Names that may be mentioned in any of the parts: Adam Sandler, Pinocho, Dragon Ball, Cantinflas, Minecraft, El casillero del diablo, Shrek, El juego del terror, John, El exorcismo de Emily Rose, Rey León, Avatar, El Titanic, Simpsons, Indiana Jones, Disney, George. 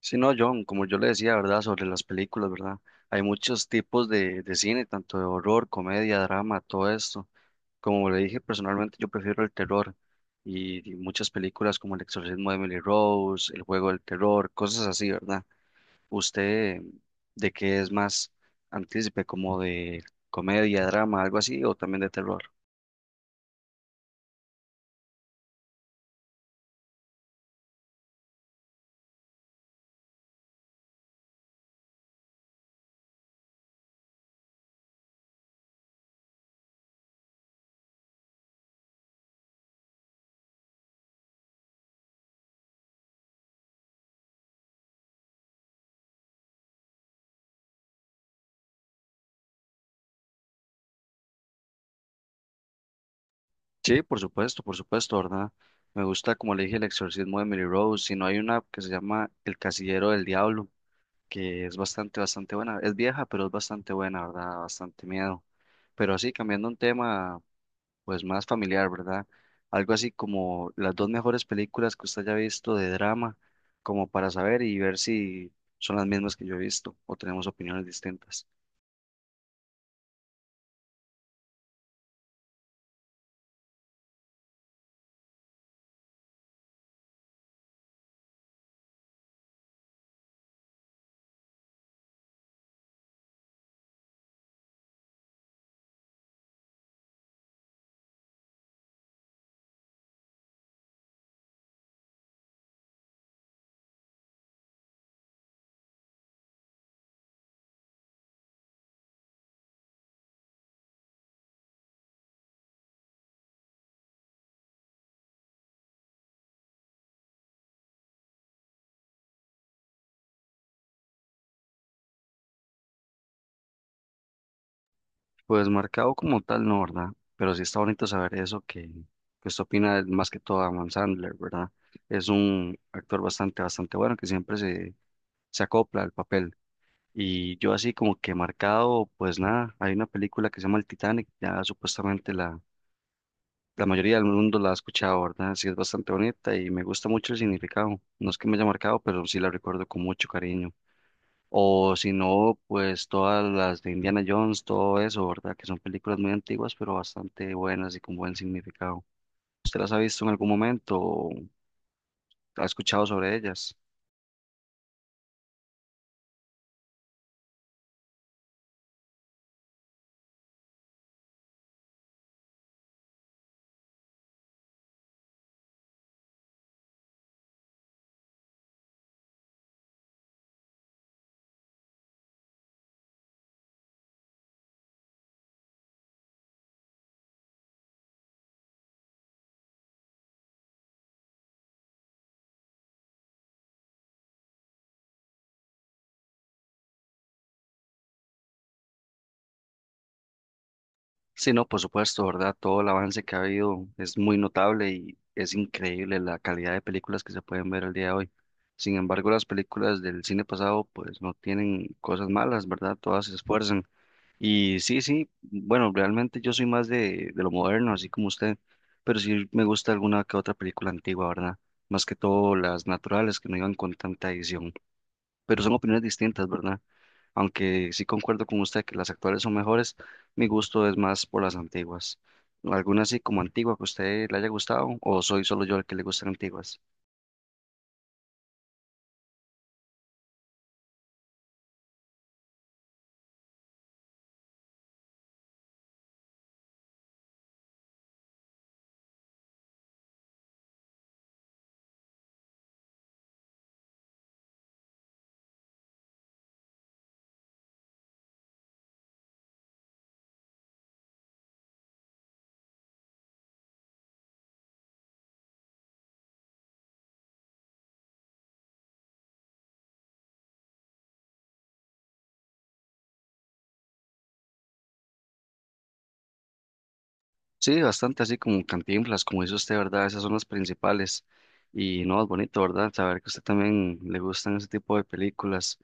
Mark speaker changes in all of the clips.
Speaker 1: Sí, no, John, como yo le decía, ¿verdad? Sobre las películas, ¿verdad? Hay muchos tipos de cine, tanto de horror, comedia, drama, todo esto. Como le dije, personalmente yo prefiero el terror y muchas películas como El exorcismo de Emily Rose, El juego del terror, cosas así, ¿verdad? ¿Usted de qué es más antícipe, como de comedia, drama, algo así, o también de terror? Sí, por supuesto, ¿verdad? Me gusta, como le dije, El exorcismo de Emily Rose, si no hay una que se llama El casillero del diablo que es bastante, bastante buena. Es vieja, pero es bastante buena, ¿verdad? Bastante miedo. Pero así, cambiando un tema, pues más familiar, ¿verdad? Algo así como las dos mejores películas que usted haya visto de drama, como para saber y ver si son las mismas que yo he visto o tenemos opiniones distintas. Pues marcado como tal, no, ¿verdad? Pero sí está bonito saber eso que usted opina más que todo a Adam Sandler, ¿verdad? Es un actor bastante, bastante bueno que siempre se acopla al papel. Y yo así como que marcado, pues nada, hay una película que se llama El Titanic, ya supuestamente la mayoría del mundo la ha escuchado, ¿verdad? Sí, es bastante bonita y me gusta mucho el significado. No es que me haya marcado, pero sí la recuerdo con mucho cariño. O si no, pues todas las de Indiana Jones, todo eso, ¿verdad? Que son películas muy antiguas, pero bastante buenas y con buen significado. ¿Usted las ha visto en algún momento o ha escuchado sobre ellas? Sí, no, por supuesto, ¿verdad? Todo el avance que ha habido es muy notable y es increíble la calidad de películas que se pueden ver al día de hoy. Sin embargo, las películas del cine pasado pues no tienen cosas malas, ¿verdad? Todas se esfuerzan. Y sí, sí, bueno, realmente yo soy más de lo moderno, así como usted, pero sí me gusta alguna que otra película antigua, ¿verdad? Más que todo las naturales que no iban con tanta edición. Pero son opiniones distintas, ¿verdad? Aunque sí concuerdo con usted que las actuales son mejores, mi gusto es más por las antiguas. ¿Alguna así como antigua que a usted le haya gustado o soy solo yo el que le gustan antiguas? Sí, bastante así como Cantinflas, como dice usted, ¿verdad? Esas son las principales. Y no, es bonito, ¿verdad? Saber que a usted también le gustan ese tipo de películas.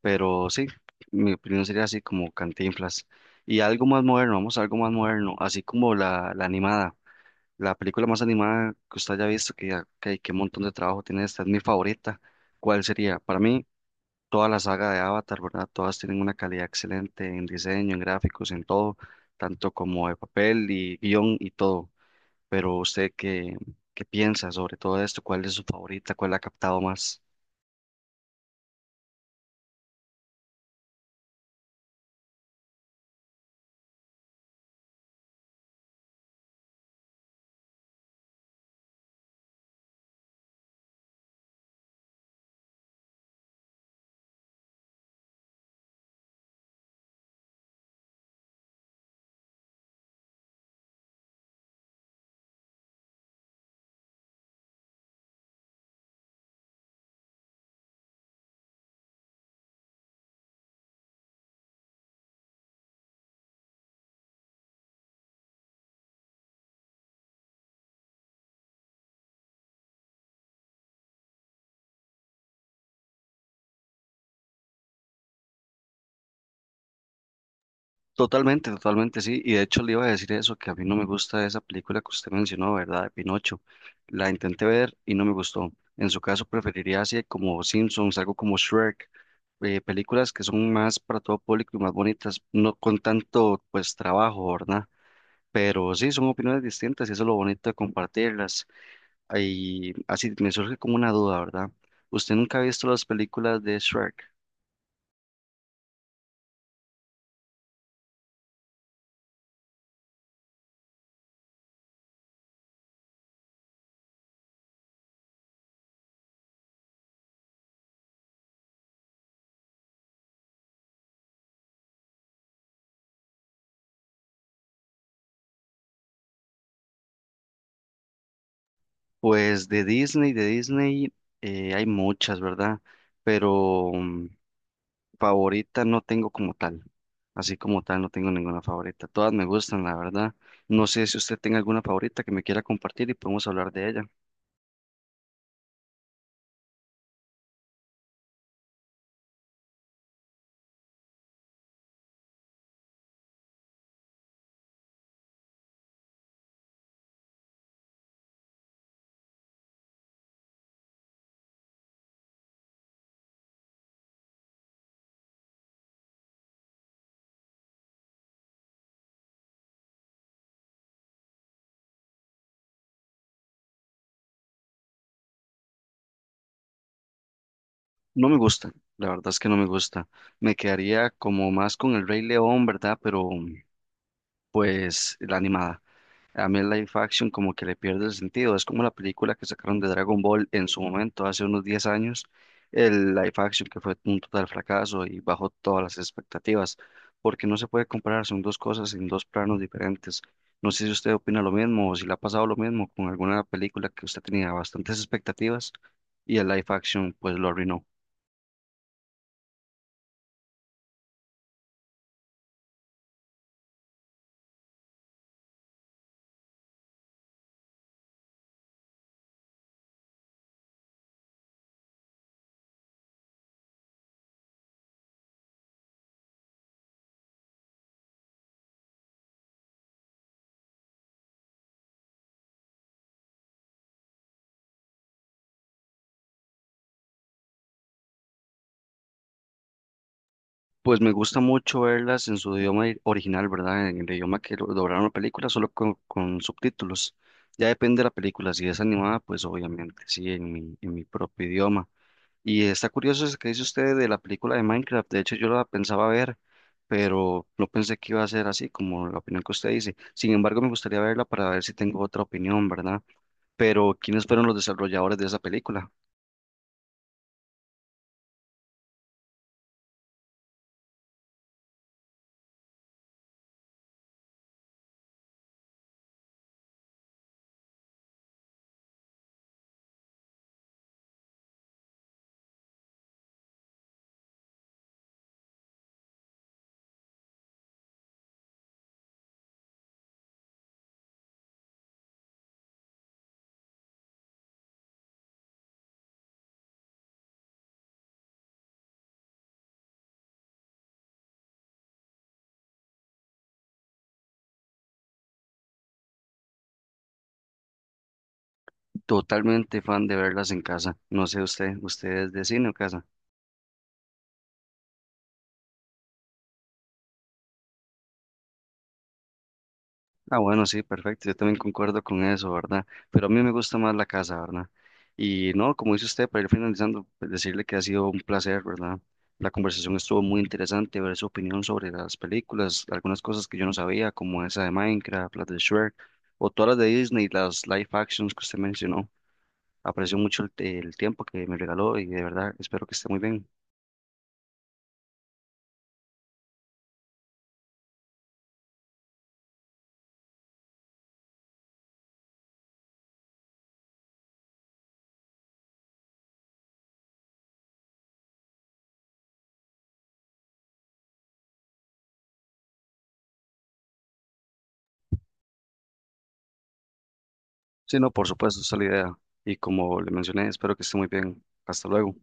Speaker 1: Pero sí, mi opinión sería así como Cantinflas. Y algo más moderno, vamos a algo más moderno, así como la animada. La película más animada que usted haya visto, que qué montón de trabajo tiene esta, es mi favorita. ¿Cuál sería? Para mí, toda la saga de Avatar, ¿verdad? Todas tienen una calidad excelente en diseño, en gráficos, en todo, tanto como de papel y guión y todo. Pero usted, ¿qué piensa sobre todo esto? ¿Cuál es su favorita? ¿Cuál la ha captado más? Totalmente, totalmente, sí. Y de hecho le iba a decir eso, que a mí no me gusta esa película que usted mencionó, ¿verdad? De Pinocho. La intenté ver y no me gustó. En su caso preferiría así como Simpsons, algo como Shrek, películas que son más para todo público y más bonitas, no con tanto pues trabajo, ¿verdad? Pero sí, son opiniones distintas y eso es lo bonito de compartirlas. Y así me surge como una duda, ¿verdad? ¿Usted nunca ha visto las películas de Shrek? Pues de Disney hay muchas, ¿verdad? Pero favorita no tengo como tal. Así como tal, no tengo ninguna favorita. Todas me gustan, la verdad. No sé si usted tenga alguna favorita que me quiera compartir y podemos hablar de ella. No me gusta, la verdad es que no me gusta. Me quedaría como más con el Rey León, ¿verdad? Pero pues la animada. A mí el live action como que le pierde el sentido. Es como la película que sacaron de Dragon Ball en su momento, hace unos 10 años. El live action que fue un total fracaso y bajó todas las expectativas, porque no se puede comparar, son dos cosas en dos planos diferentes. No sé si usted opina lo mismo o si le ha pasado lo mismo con alguna película que usted tenía bastantes expectativas y el live action pues lo arruinó. Pues me gusta mucho verlas en su idioma original, ¿verdad? En el idioma que doblaron la película, solo con subtítulos. Ya depende de la película, si es animada, pues obviamente sí, en mi propio idioma. Y está curioso eso que dice usted de la película de Minecraft, de hecho yo la pensaba ver, pero no pensé que iba a ser así como la opinión que usted dice. Sin embargo, me gustaría verla para ver si tengo otra opinión, ¿verdad? Pero ¿quiénes fueron los desarrolladores de esa película? Totalmente fan de verlas en casa. No sé usted, ¿usted es de cine o casa? Ah, bueno, sí, perfecto. Yo también concuerdo con eso, ¿verdad? Pero a mí me gusta más la casa, ¿verdad? Y no, como dice usted, para ir finalizando, pues, decirle que ha sido un placer, ¿verdad? La conversación estuvo muy interesante, ver su opinión sobre las películas, algunas cosas que yo no sabía, como esa de Minecraft, las de Shrek, o todas las de Disney, las live actions que usted mencionó. Aprecio mucho el tiempo que me regaló y de verdad espero que esté muy bien. Sí, no, por supuesto, esa es la idea. Y como le mencioné, espero que esté muy bien. Hasta luego.